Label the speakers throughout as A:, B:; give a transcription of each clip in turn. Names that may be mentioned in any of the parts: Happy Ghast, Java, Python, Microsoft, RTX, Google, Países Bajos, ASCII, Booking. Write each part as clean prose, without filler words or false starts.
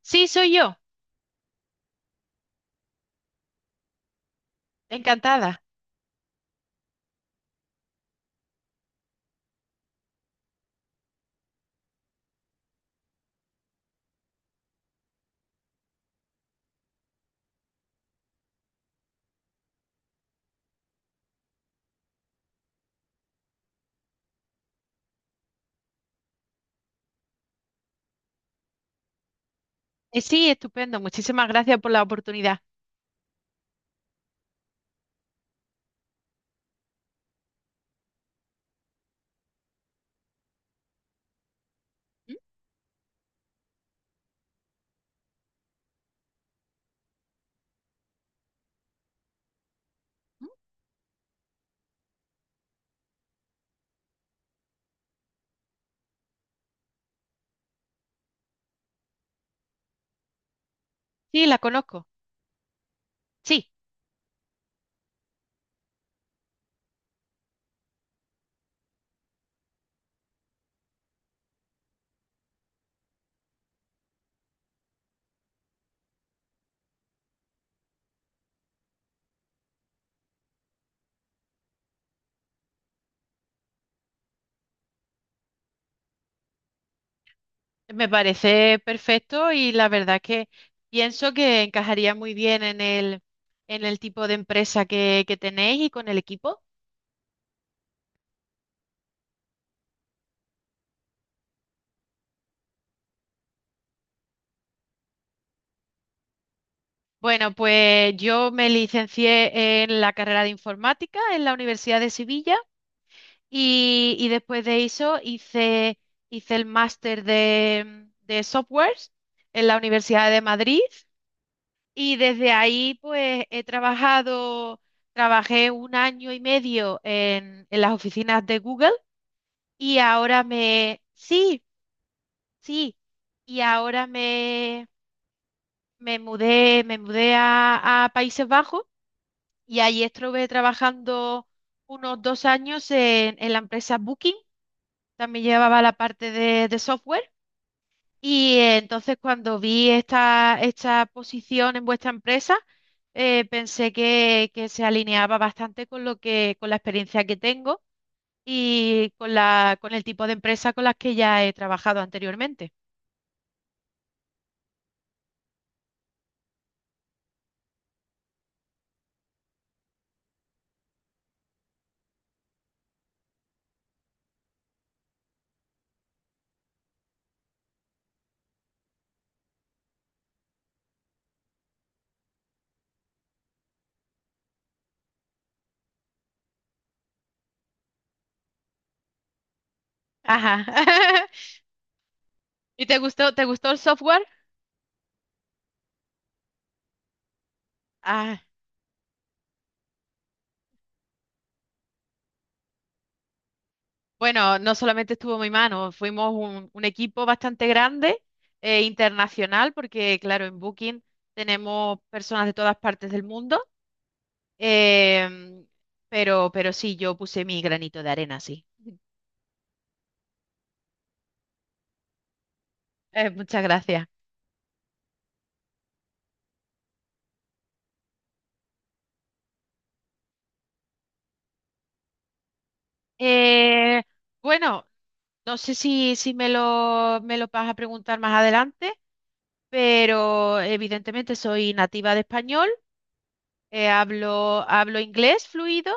A: Sí, soy yo. Encantada. Sí, estupendo. Muchísimas gracias por la oportunidad. ¿Mm? Sí, la conozco. Sí, me parece perfecto y la verdad que pienso que encajaría muy bien en en el tipo de empresa que tenéis y con el equipo. Bueno, pues yo me licencié en la carrera de informática en la Universidad de Sevilla y después de eso hice el máster de softwares en la Universidad de Madrid. Y desde ahí, pues trabajé un año y medio en las oficinas de Google y ahora me, sí, sí, y ahora me, me mudé a Países Bajos y ahí estuve trabajando unos dos años en la empresa Booking, también llevaba la parte de software. Entonces cuando vi esta posición en vuestra empresa, pensé que se alineaba bastante con lo que, con la experiencia que tengo y con con el tipo de empresa con las que ya he trabajado anteriormente. Ajá. ¿Y te gustó el software? Ah, bueno, no solamente estuvo en mi mano, fuimos un equipo bastante grande, internacional, porque claro, en Booking tenemos personas de todas partes del mundo. Em, pero sí, yo puse mi granito de arena, sí. Muchas gracias. Eh, bueno, no sé si me me lo vas a preguntar más adelante, pero evidentemente soy nativa de español, hablo inglés fluido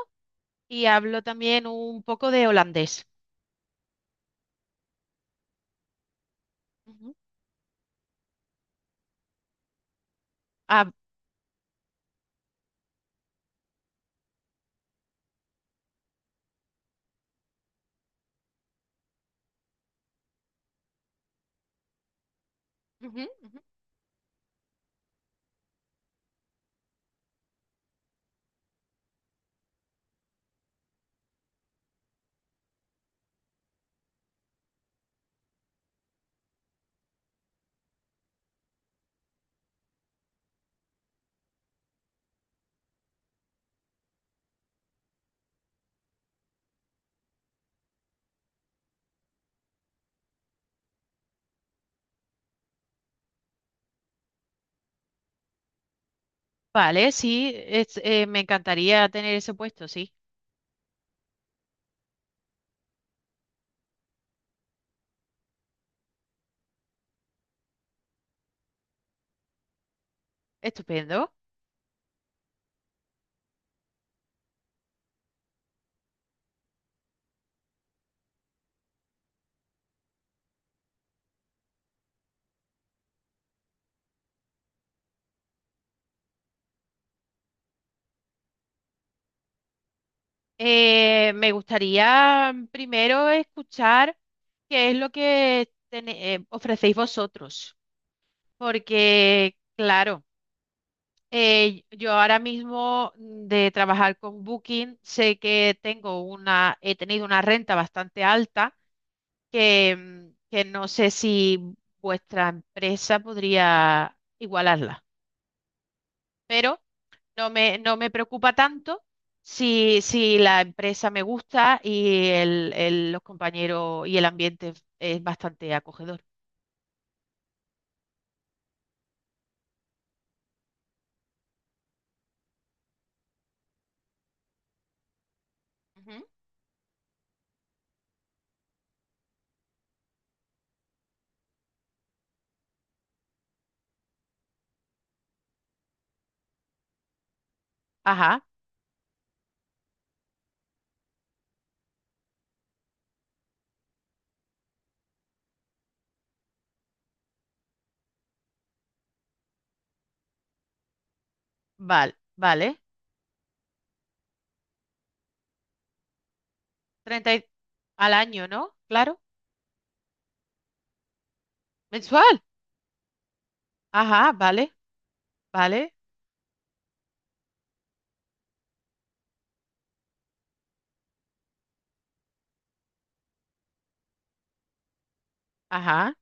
A: y hablo también un poco de holandés. Ujú. Ah, ujú, ujú. Vale, sí, me encantaría tener ese puesto, sí. Estupendo. Me gustaría primero escuchar qué es lo que ofrecéis vosotros, porque claro, yo ahora mismo de trabajar con Booking sé que he tenido una renta bastante alta que, que no sé si vuestra empresa podría igualarla, pero no no me preocupa tanto si la empresa me gusta y los compañeros y el ambiente es bastante acogedor. Ujú. Ajá, vale, vale. Treinta y- al año, ¿no? Claro. Mensual. Ajá, vale, vale. Ajá.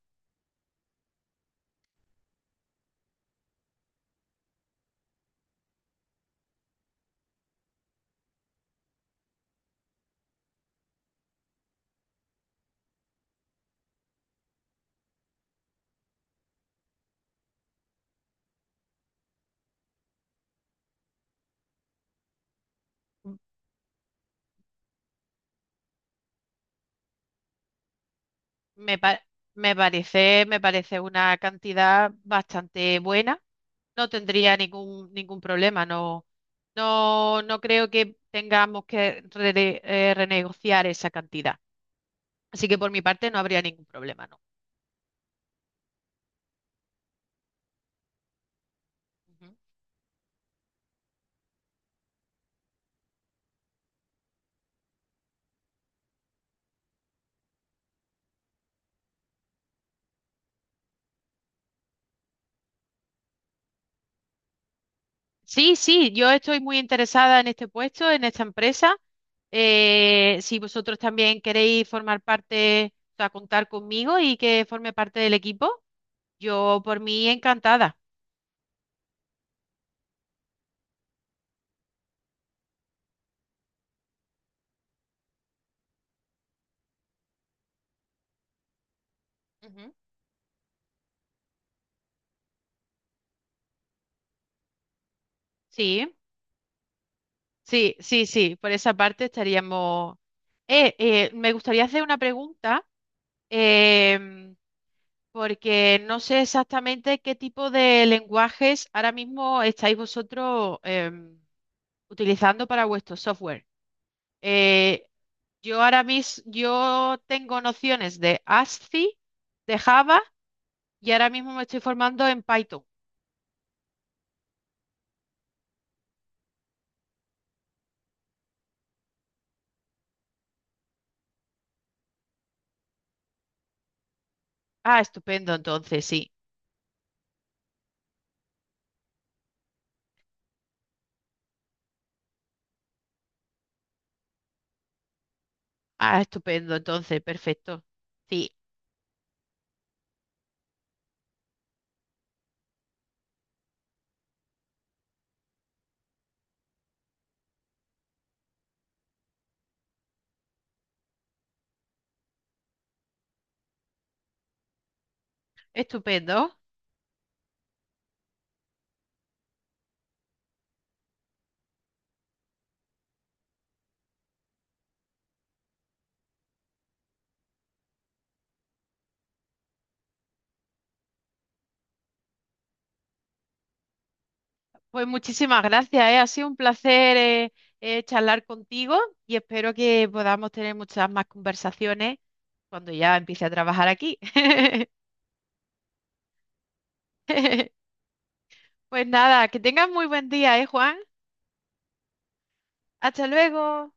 A: Me, pa- me parece una cantidad bastante buena. No tendría ningún problema. No, no, no creo que tengamos que renegociar esa cantidad. Así que por mi parte no habría ningún problema, ¿no? Ujú. Sí, sí, yo estoy muy interesada en este puesto, en esta empresa. Si vosotros también queréis formar parte, o sea, contar conmigo y que forme parte del equipo, yo por mí encantada. Ujú. Sí. Sí, sí, sí, por esa parte estaríamos... me gustaría hacer una pregunta, em, porque no sé exactamente qué tipo de lenguajes ahora mismo estáis vosotros em, utilizando para vuestro software. Eh, yo tengo nociones de ASCII, de Java, y ahora mismo me estoy formando en Python. Ah, estupendo, entonces, sí. Ah, estupendo, entonces, perfecto. Sí, estupendo. Pues muchísimas gracias, ¿eh? Ha sido un placer charlar contigo y espero que podamos tener muchas más conversaciones cuando ya empiece a trabajar aquí. Pues nada, que tengas muy buen día, ¿eh, Juan? Hasta luego.